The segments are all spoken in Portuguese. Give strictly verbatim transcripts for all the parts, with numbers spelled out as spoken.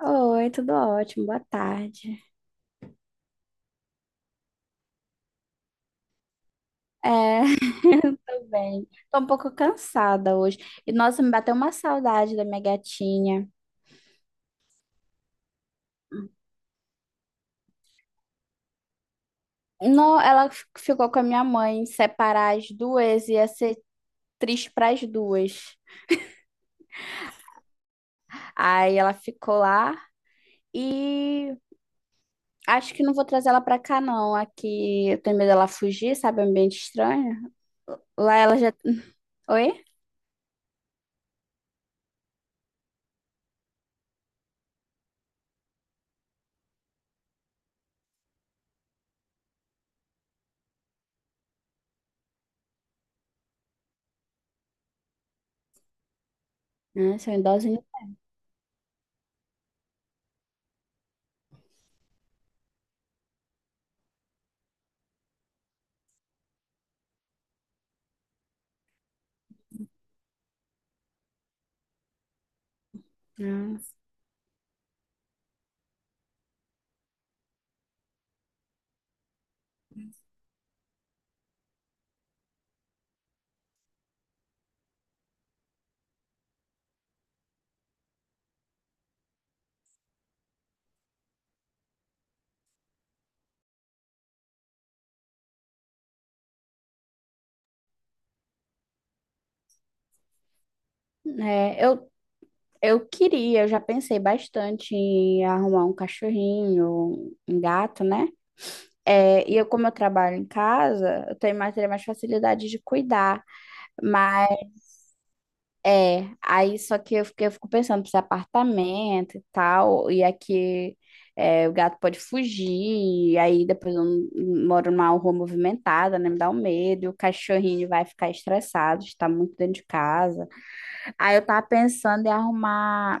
Oi, tudo ótimo, boa tarde. É, tô bem. Tô um pouco cansada hoje. E nossa, me bateu uma saudade da minha gatinha. Não, ela fi- ficou com a minha mãe, separar as duas ia ser triste para as duas. Aí ela ficou lá e acho que não vou trazer ela pra cá não. Aqui eu tenho medo dela fugir, sabe, é um ambiente estranho. Lá ela já Oi? Né, são idosos, né? Ah. É, eu Eu queria, eu já pensei bastante em arrumar um cachorrinho, um gato, né? É, e eu, como eu trabalho em casa, eu tenho mais, teria mais facilidade de cuidar. Mas é, aí só que eu, fiquei, eu fico pensando, precisa apartamento e tal, e aqui é, o gato pode fugir, e aí depois eu não- moro numa rua movimentada, né? Me dá um medo, e o cachorrinho vai ficar estressado, está muito dentro de casa. Aí eu tava pensando em arrumar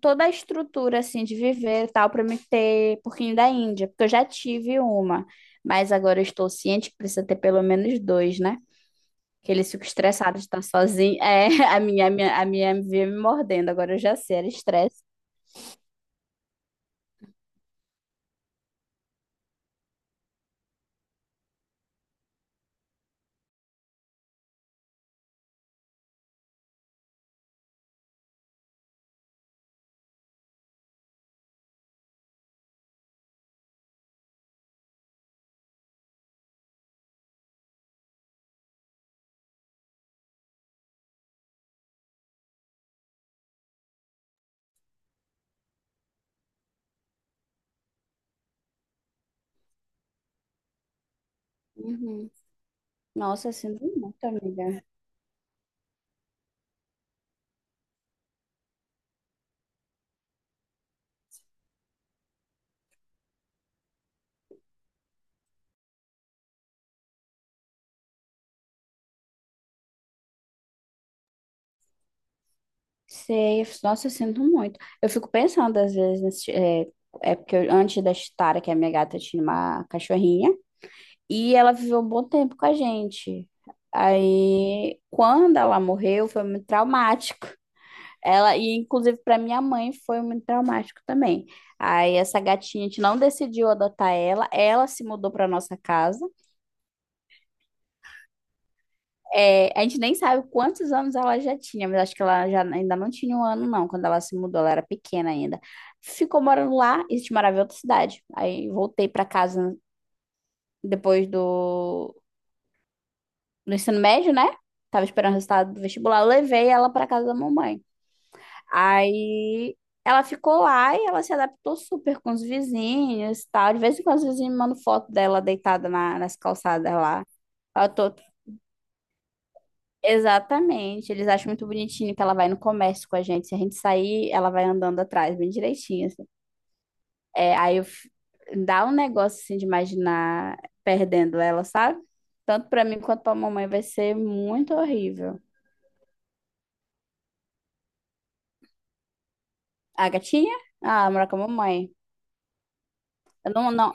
toda a estrutura assim de viver e tal para me ter porquinho da Índia, porque eu já tive uma, mas agora eu estou ciente que precisa ter pelo menos dois, né? Que eles ficam estressados de estar sozinho. É, a minha, a minha, a minha vinha me mordendo, agora eu já sei, era estresse. Uhum. Nossa, eu sinto muito, amiga. Sei, nossa, eu sinto muito. Eu fico pensando às vezes, nesse- é, é porque eu- antes da Chitara, que é a minha gata, eu tinha uma cachorrinha. E ela viveu um bom tempo com a gente. Aí, quando ela morreu, foi muito traumático. Ela, e inclusive para minha mãe foi muito traumático também. Aí, essa gatinha, a gente não decidiu adotar ela, ela se mudou para nossa casa. É, a gente nem sabe quantos anos ela já tinha, mas acho que ela já ainda não tinha um ano, não, quando ela se mudou, ela era pequena ainda. Ficou morando lá e a gente morava em outra cidade. Aí, voltei para casa depois do no ensino médio, né? Tava esperando o resultado do vestibular, eu levei ela pra casa da mamãe. Aí ela ficou lá e ela se adaptou super com os vizinhos e tal. De vez em quando os vizinhos me mandam foto dela deitada na, nas calçadas lá. Ela tô... Exatamente, eles acham muito bonitinho que ela vai no comércio com a gente. Se a gente sair, ela vai andando atrás, bem direitinho, assim. É, aí eu... f- dá um negócio assim de imaginar perdendo ela, sabe? Tanto pra mim quanto pra mamãe vai ser muito horrível. A gatinha? Ah, mora com a mamãe. Eu não, não.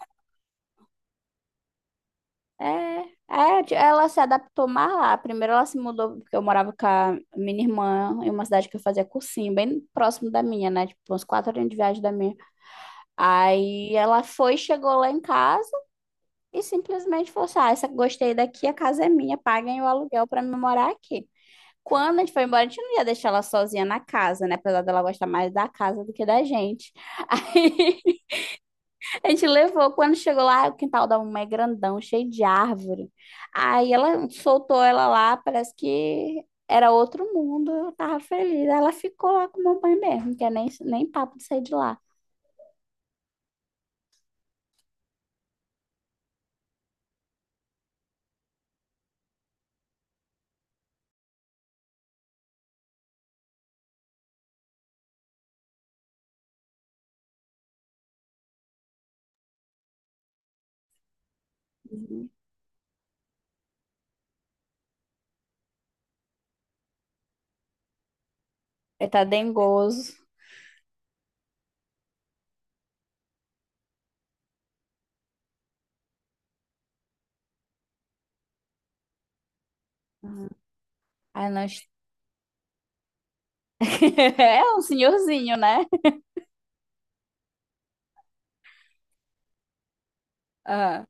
É, é, ti- ela se adaptou mais lá. Primeiro ela se mudou, porque eu morava com a minha irmã em uma cidade que eu fazia cursinho, bem próximo da minha, né? Tipo, uns quatro horas de viagem da minha. Aí ela foi, chegou lá em casa e simplesmente falou assim: Ah, essa, gostei daqui, a casa é minha, paguem o aluguel pra me morar aqui. Quando a gente foi embora, a gente não ia deixar ela sozinha na casa, né? Apesar dela gostar mais da casa do que da gente. A gente levou, quando chegou lá, o quintal da mamãe é grandão, cheio de árvore. Aí ela soltou ela lá, parece que era outro mundo, eu tava feliz. Aí ela ficou lá com a mamãe mesmo, que é nem, nem papo de sair de lá. Uhum. Ele tá dengoso. Uhum. Aí nós... É um senhorzinho, né? Ah,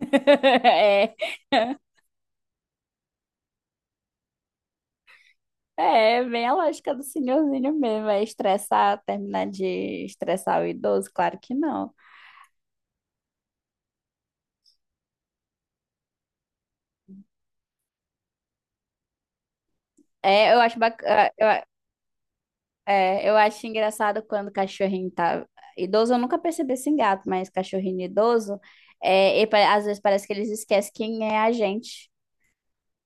é, é bem a lógica do senhorzinho mesmo. É estressar, terminar de estressar o idoso? Claro que não. É, eu acho bacana. É, eu acho engraçado quando o cachorrinho tá idoso, eu nunca percebi isso em gato, mas cachorrinho idoso, é, e pa- às vezes parece que eles esquecem quem é a gente.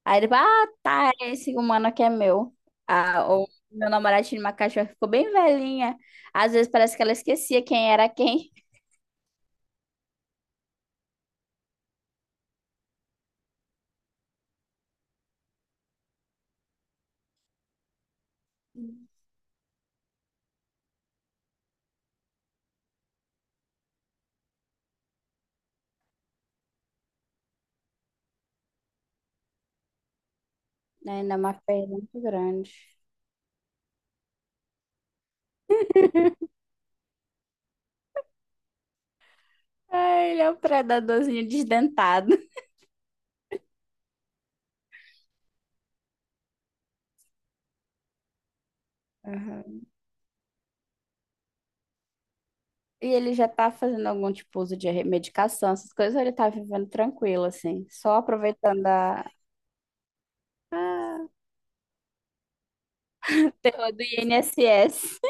Aí ele fala, ah, tá, é esse humano aqui é meu. Ah, ou meu namorado tinha uma cachorra que ficou bem velhinha. Às vezes parece que ela esquecia quem era quem. Né? Ainda é uma perda muito grande. Ai, ele é um predadorzinho desdentado. Aham. E ele já tá fazendo algum tipo uso de medicação, essas coisas, ou ele tá vivendo tranquilo, assim, só aproveitando a, a terror do I N dois S.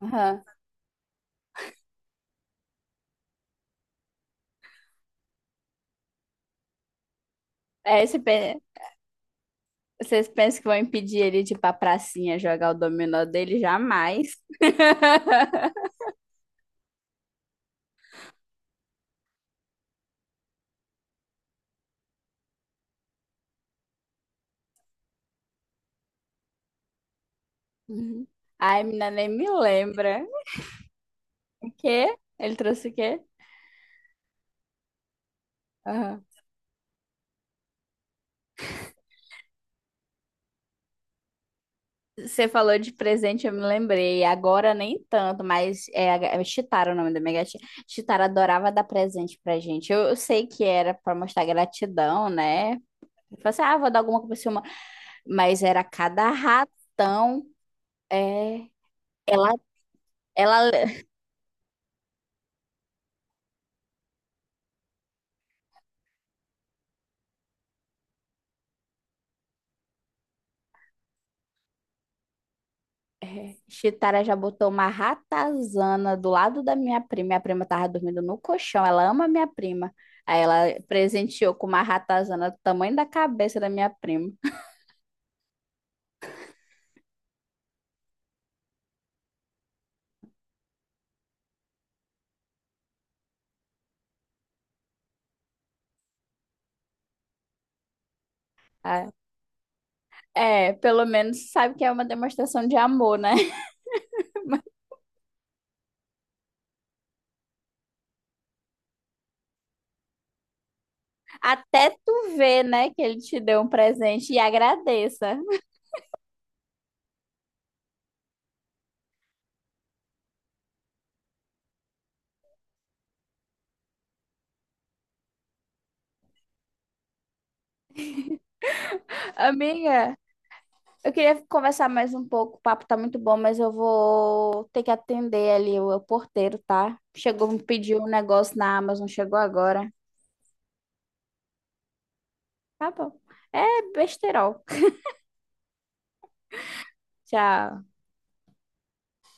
Aham. É, esse pe- vocês pensam que vão impedir ele de ir pra pracinha jogar o dominó dele? Jamais. Uhum. Ai, menina, nem me lembra. O quê? Ele trouxe o quê? Aham. Você falou de presente, eu me lembrei. Agora nem tanto, mas é, é Chitara o nome da minha gatinha. Chitara adorava dar presente pra gente. Eu, eu sei que era pra mostrar gratidão, né? Eu falei assim, ah, vou dar alguma coisa pra você, uma. Mas era cada ratão. É, ela, ela, é, Chitara já botou uma ratazana do lado da minha prima. Minha prima tava dormindo no colchão. Ela ama minha prima. Aí ela presenteou com uma ratazana do tamanho da cabeça da minha prima. É, pelo menos sabe que é uma demonstração de amor, né? Até tu ver, né, que ele te deu um presente e agradeça. Amiga, eu queria conversar mais um pouco. O papo tá muito bom, mas eu vou ter que atender ali o, o porteiro, tá? Chegou, me pediu um negócio na Amazon, chegou agora. Tá bom. É besterol. Tchau.